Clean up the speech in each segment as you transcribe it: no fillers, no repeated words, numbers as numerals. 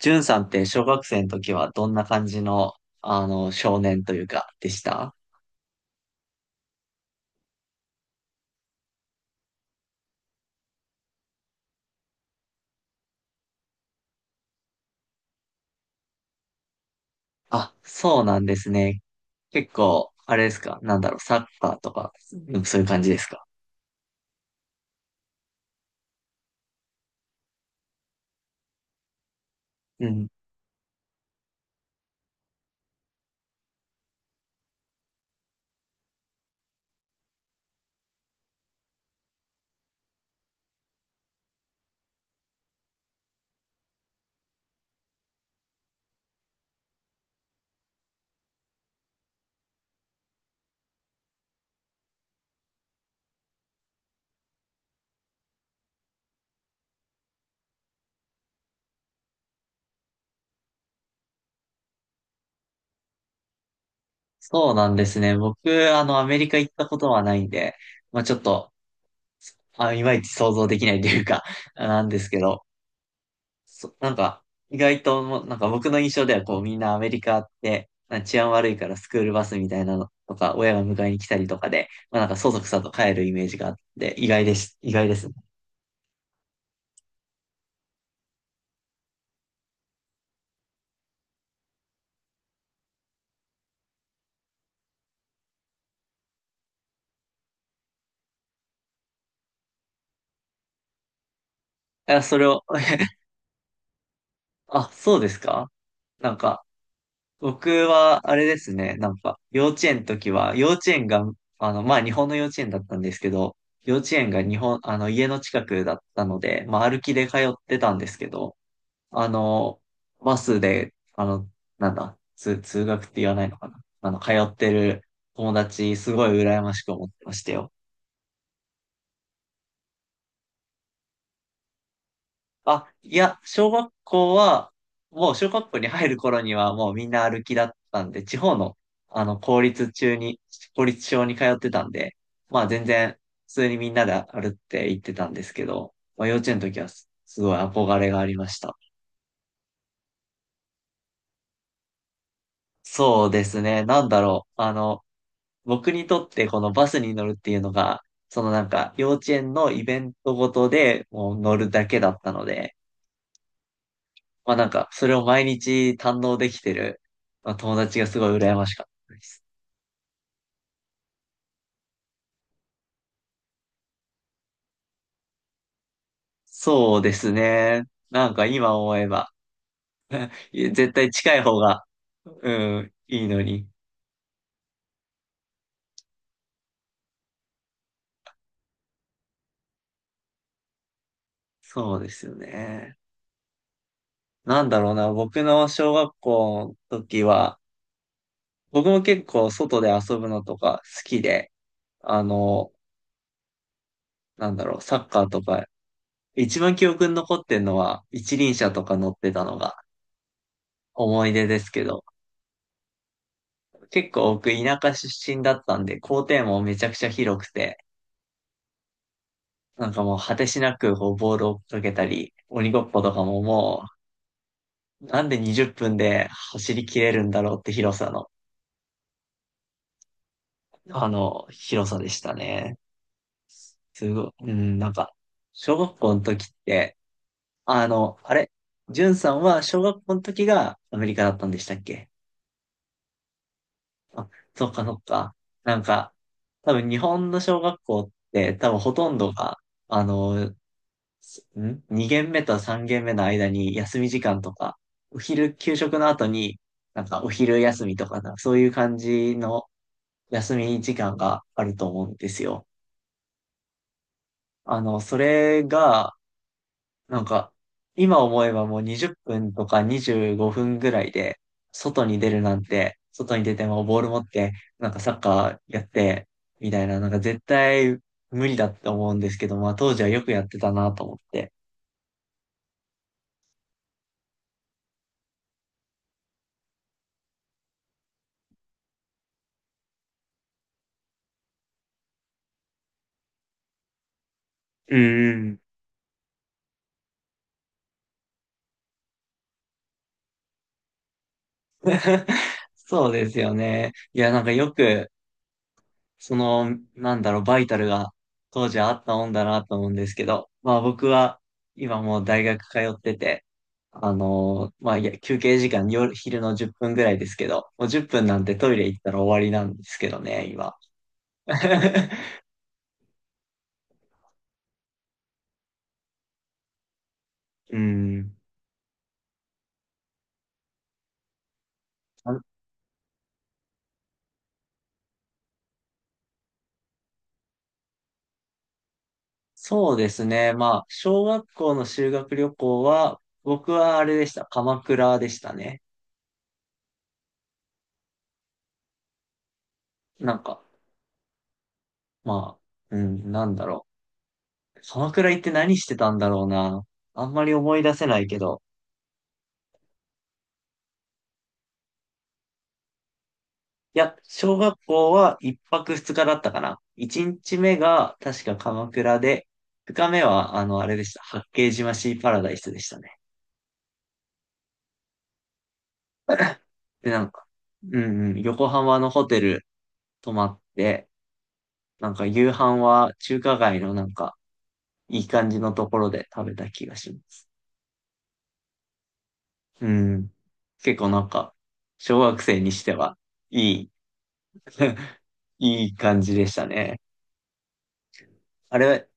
ジュンさんって小学生の時はどんな感じの、少年というか、でした？あ、そうなんですね。結構、あれですか？サッカーとか、うん、そういう感じですか？うん。そうなんですね。僕、アメリカ行ったことはないんで、まあちょっと、あ、いまいち想像できないというか、なんですけど、なんか、意外ともう、なんか僕の印象ではこうみんなアメリカって、なんか治安悪いからスクールバスみたいなのとか、親が迎えに来たりとかで、まあなんかそそくさと帰るイメージがあって、意外です、意外ですね。あ、それを、あ、そうですか？なんか、僕はあれですね、なんか、幼稚園の時は、幼稚園が、まあ日本の幼稚園だったんですけど、幼稚園が日本、家の近くだったので、まあ歩きで通ってたんですけど、あの、バスで、なんだ、通学って言わないのかな。通ってる友達、すごい羨ましく思ってましたよ。あ、いや、小学校は、もう小学校に入る頃にはもうみんな歩きだったんで、地方の、あの、公立中に、公立小に通ってたんで、まあ全然、普通にみんなで歩って行ってたんですけど、まあ幼稚園の時はすすごい憧れがありました。そうですね、僕にとってこのバスに乗るっていうのが、そのなんか幼稚園のイベントごとでもう乗るだけだったので、まあなんかそれを毎日堪能できてる、まあ、友達がすごい羨ましかったです。そうですね。なんか今思えば 絶対近い方が、うん、いいのに。そうですよね。なんだろうな、僕の小学校の時は、僕も結構外で遊ぶのとか好きで、あの、サッカーとか一番記憶に残ってんのは、一輪車とか乗ってたのが思い出ですけど、結構僕田舎出身だったんで、校庭もめちゃくちゃ広くて、なんかもう果てしなくこうボールを追っかけたり、鬼ごっことかももう、なんで20分で走り切れるんだろうって広さの、広さでしたね。すごい、うん、なんか、小学校の時って、あの、あれ、んさんは小学校の時がアメリカだったんでしたっけ？あ、そっかそっか。なんか、多分日本の小学校って多分ほとんどが、あの、ん ?2 限目と3限目の間に休み時間とか、お昼給食の後に、なんかお昼休みとかな、そういう感じの休み時間があると思うんですよ。それが、なんか、今思えばもう20分とか25分ぐらいで、外に出るなんて、外に出てもボール持って、なんかサッカーやって、みたいな、なんか絶対無理だって思うんですけど、まあ当時はよくやってたなと思って。うんうん。そうですよね。いや、なんかよく、その、バイタルが当時あったもんだなと思うんですけど、まあ僕は今もう大学通ってて、まあいや休憩時間昼の10分ぐらいですけど、もう10分なんてトイレ行ったら終わりなんですけどね、今。うん。あ、そうですね。まあ、小学校の修学旅行は、僕はあれでした。鎌倉でしたね。なんか、まあ、うん、なんだろう。鎌倉行って何してたんだろうな。あんまり思い出せないけど、いや、小学校は一泊二日だったかな。一日目が確か鎌倉で、二日目はあれでした。八景島シーパラダイスでしたね。で、なんか、うんうん、横浜のホテル泊まって、なんか夕飯は中華街のなんか、いい感じのところで食べた気がします。うん。結構なんか、小学生にしては、いい いい感じでしたね。あれ、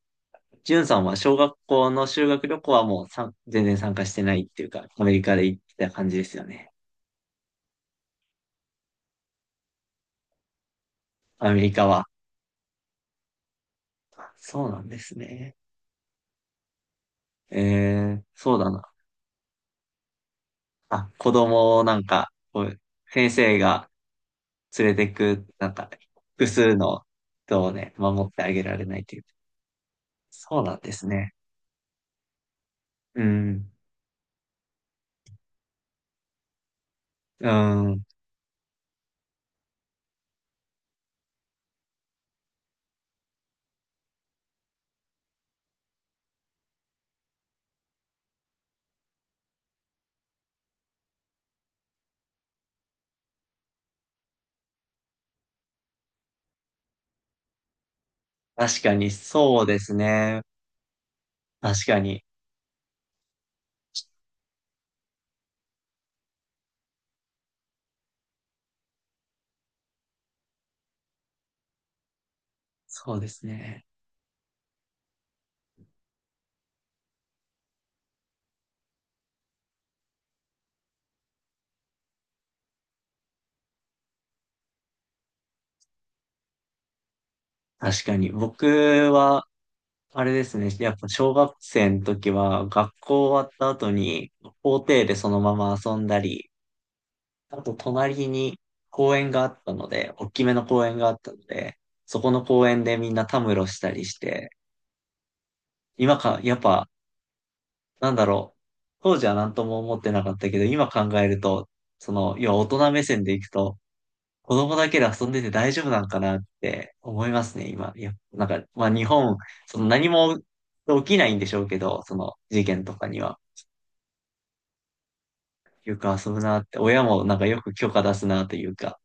ジュンさんは小学校の修学旅行はもうさん全然参加してないっていうか、アメリカで行ってた感じですよね。アメリカは。あ、そうなんですね。そうだな。あ、子供をなんか、こう、先生が連れてく、なんか、複数の人をね、守ってあげられないという。そうなんですね。うん。うん。確かに、そうですね。確かに。そうですね。確かに。僕は、あれですね。やっぱ小学生の時は学校終わった後に校庭でそのまま遊んだり、あと隣に公園があったので、大きめの公園があったので、そこの公園でみんなたむろしたりして、今か、やっぱ、なんだろう。当時は何とも思ってなかったけど、今考えると、その、要は大人目線でいくと、子供だけで遊んでて大丈夫なんかなって思いますね、今。いや、なんか、まあ日本、その何も起きないんでしょうけど、その事件とかには。よく遊ぶなって、親もなんかよく許可出すなというか。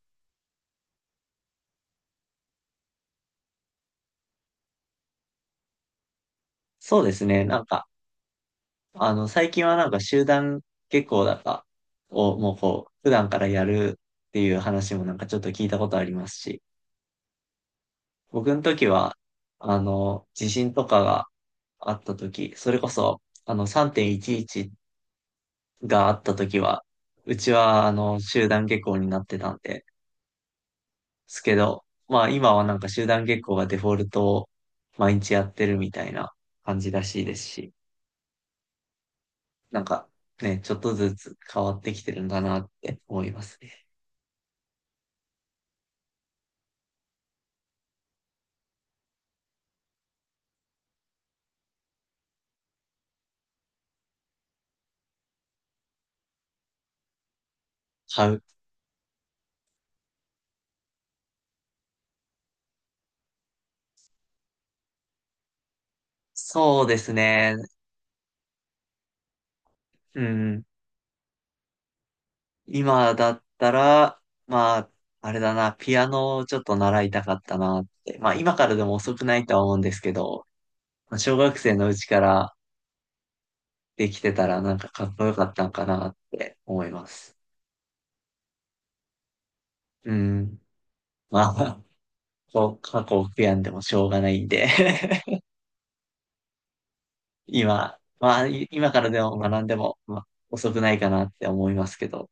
そうですね、なんか、最近はなんか集団下校だかをもうこう、普段からやるっていう話もなんかちょっと聞いたことありますし、僕の時は、地震とかがあった時、それこそ、3.11があった時は、うちはあの集団下校になってたんですけど、まあ今はなんか集団下校がデフォルトを毎日やってるみたいな感じらしいですし、なんかね、ちょっとずつ変わってきてるんだなって思いますね。買う。そうですね。うん。今だったら、まあ、あれだな、ピアノをちょっと習いたかったなって。まあ今からでも遅くないとは思うんですけど、まあ小学生のうちからできてたらなんかかっこよかったんかなって思います。うん。まあ、こう、過去を悔やんでもしょうがないんで 今、まあ、今からでも学んでも、まあ、遅くないかなって思いますけど。